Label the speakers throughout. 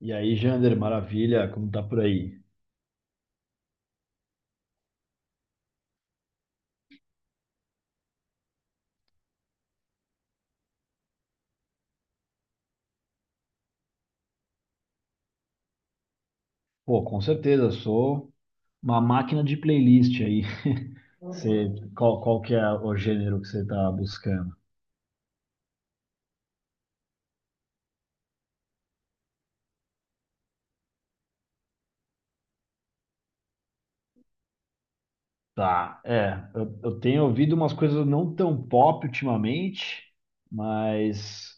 Speaker 1: E aí, Jander, maravilha, como tá por aí? Pô, com certeza, sou uma máquina de playlist aí. Você, qual que é o gênero que você tá buscando? Tá, eu tenho ouvido umas coisas não tão pop ultimamente, mas,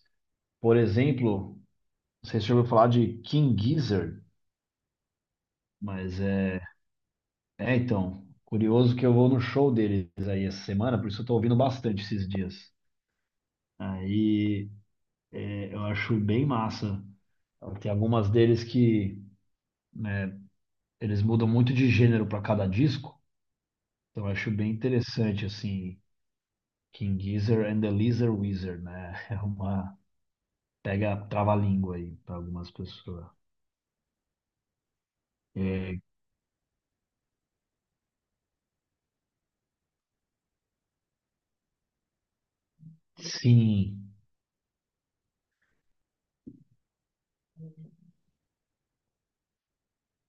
Speaker 1: por exemplo, não sei se você ouviu falar de King Gizzard, mas então, curioso que eu vou no show deles aí essa semana, por isso eu tô ouvindo bastante esses dias. Aí, é, eu acho bem massa. Então, tem algumas deles que, né, eles mudam muito de gênero para cada disco. Então eu acho bem interessante, assim, King Gizzard and the Lizard Wizard, né? É uma. Pega trava-língua aí para algumas pessoas. É, sim,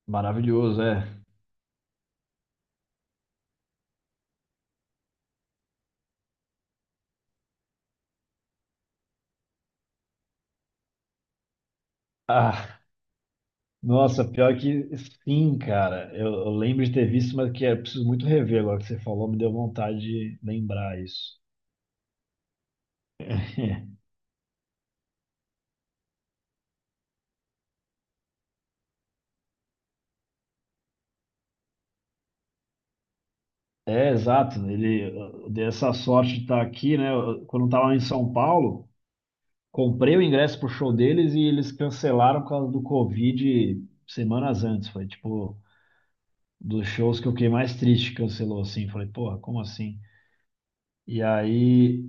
Speaker 1: maravilhoso, é. Ah, nossa, pior que sim, cara. Eu lembro de ter visto, mas que é preciso muito rever agora que você falou, me deu vontade de lembrar isso. É, exato. Ele eu dei essa sorte de estar aqui, né? Eu- quando eu estava em São Paulo, comprei o ingresso pro show deles e eles cancelaram por causa do Covid semanas antes. Foi tipo dos shows que eu fiquei mais triste, cancelou assim. Falei, porra, como assim? E aí,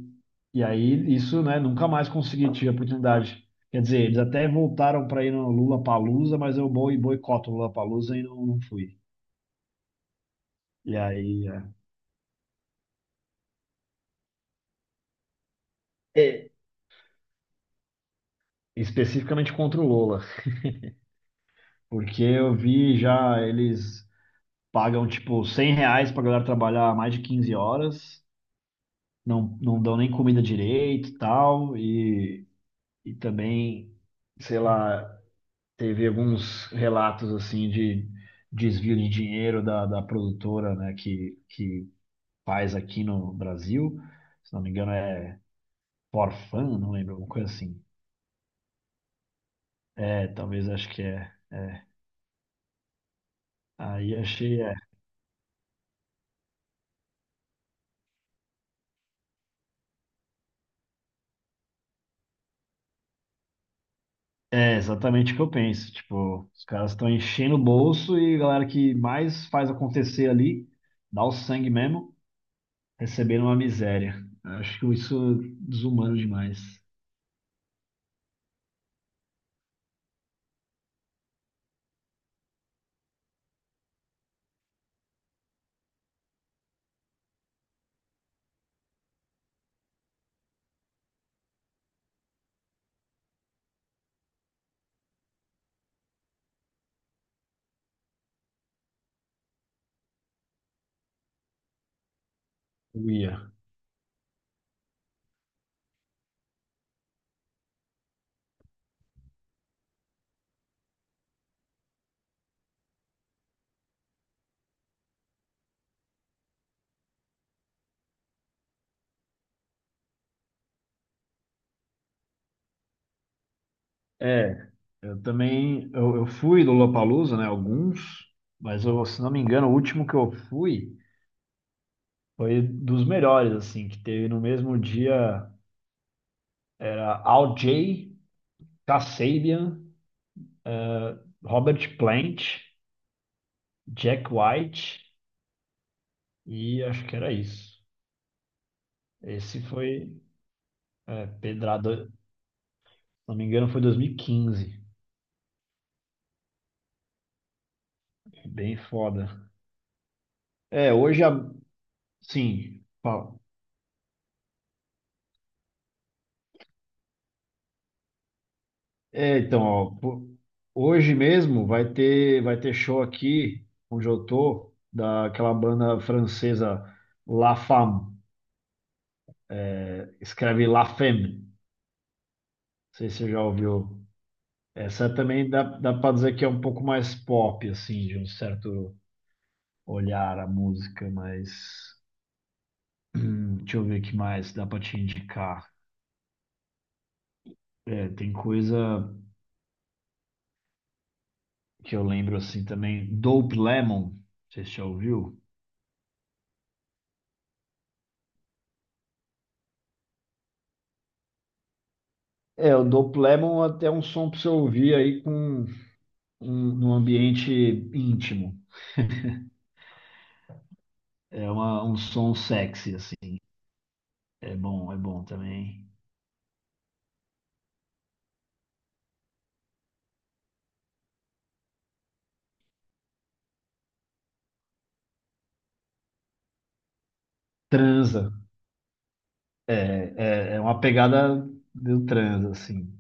Speaker 1: e aí isso, né? Nunca mais consegui tive a oportunidade. Quer dizer, eles até voltaram para ir no Lollapalooza, mas eu boi- boicoto o Lollapalooza e não fui. E aí, é, é. Especificamente contra o Lola. Porque eu vi já eles pagam tipo 100 reais pra galera trabalhar mais de 15 horas, não dão nem comida direito e tal, e também, sei lá, teve alguns relatos assim de desvio de dinheiro da produtora, né, que faz aqui no Brasil, se não me engano é forfan, não lembro, alguma coisa assim. É, talvez acho que é. Aí achei. É exatamente o que eu penso. Tipo, os caras estão enchendo o bolso e a galera que mais faz acontecer ali, dá o sangue mesmo, recebendo uma miséria. Eu acho que isso é desumano demais. Uia. É, eu também, eu fui do Lollapalooza, né, alguns, mas eu, se não me engano, o último que eu fui foi dos melhores, assim, que teve no mesmo dia era Al Jay, Kasabian, Robert Plant, Jack White e acho que era isso. Esse foi, é, pedrada, se não me engano, foi dois mil e quinze. Bem foda. É, hoje, a... sim, Paulo. É, então, ó, po- hoje mesmo vai ter show aqui, onde eu tô, daquela banda francesa La Femme. É, escreve La Femme. Não sei se você já ouviu. Essa também dá, dá pra dizer que é um pouco mais pop, assim, de um certo olhar à música, mas. Deixa eu ver o que mais dá pra te indicar. É, tem coisa que eu lembro assim também. Dope Lemon, você já ouviu? É, o Dope Lemon até é um som para você ouvir aí com um, num ambiente íntimo. É uma- um som sexy, assim. É bom também. Transa. É, é, é uma pegada do transa, assim.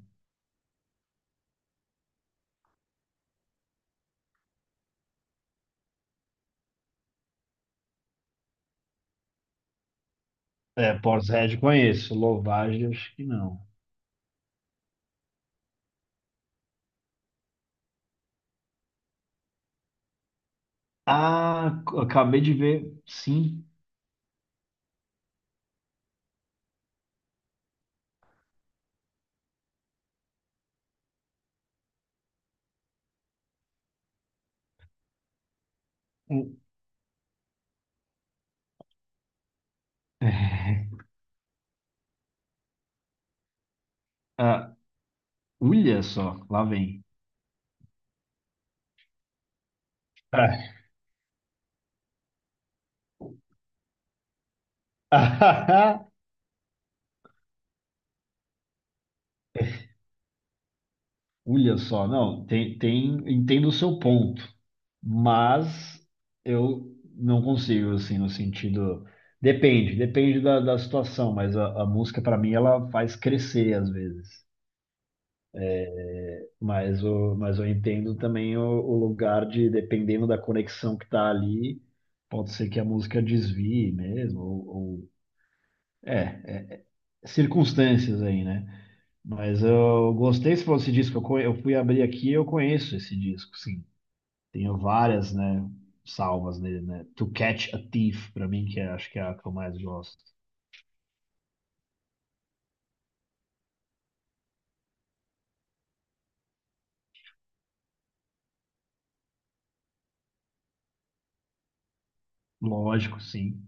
Speaker 1: É, Portishead conheço. Lovage, acho que não. Ah, c- acabei de ver, sim. O- ah, olha só, lá vem. Olha só, não, tem, entendo o seu ponto, mas eu não consigo, assim, no sentido. Depende da situação, mas a música, para mim, ela faz crescer às vezes. Mas, o, mas eu entendo também o lugar de, dependendo da conexão que tá ali, pode ser que a música desvie mesmo, ou- é, circunstâncias aí, né? Mas eu gostei se fosse disco, eu, co- eu fui abrir aqui eu conheço esse disco, sim. Tenho várias, né, salvas nele, né? To Catch a Thief, pra mim, que é- acho que é a que eu mais gosto. Lógico, sim.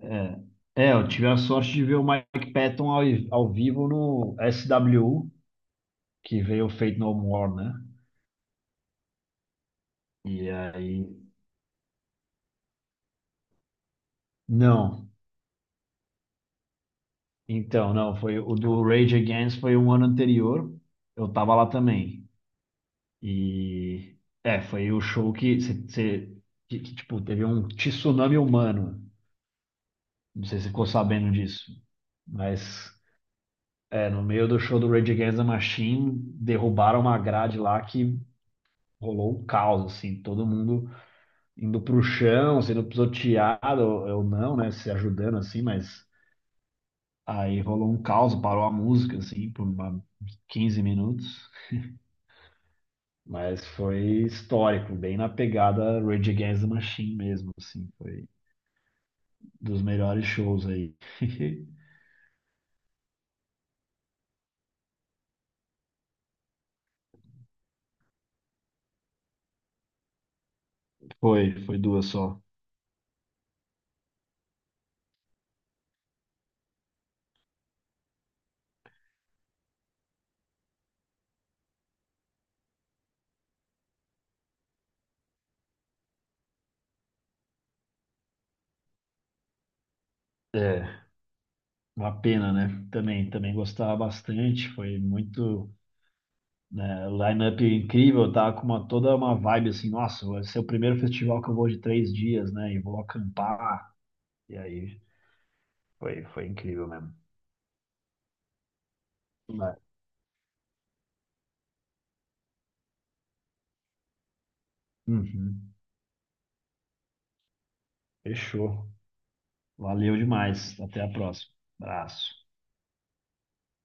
Speaker 1: É, é, eu tive a sorte de ver o Mike Patton ao vivo no SWU, que veio o Faith No More, né? E aí. Não, então, não, foi o do Rage Against foi um ano anterior. Eu tava lá também. E. É, foi o show que, cê- cê- que, tipo, teve um tsunami humano. Não sei se você ficou sabendo disso. Mas é, no meio do show do Rage Against the Machine, derrubaram uma grade lá que rolou um caos, assim, todo mundo indo pro chão, sendo pisoteado, eu não, né, se ajudando assim, mas aí rolou um caos, parou a música, assim, por uma, 15 minutos. Mas foi histórico, bem na pegada Rage Against the Machine mesmo, assim, foi dos melhores shows aí. Foi, foi duas só. É. Uma pena, né? Também, também gostava bastante, foi muito, né, line-up incrível, tá com uma toda uma vibe assim, nossa, vai ser o primeiro festival que eu vou de três dias, né? E vou acampar. E aí, foi, foi incrível mesmo. Mas- uhum. Fechou. Valeu demais. Até a próxima. Abraço.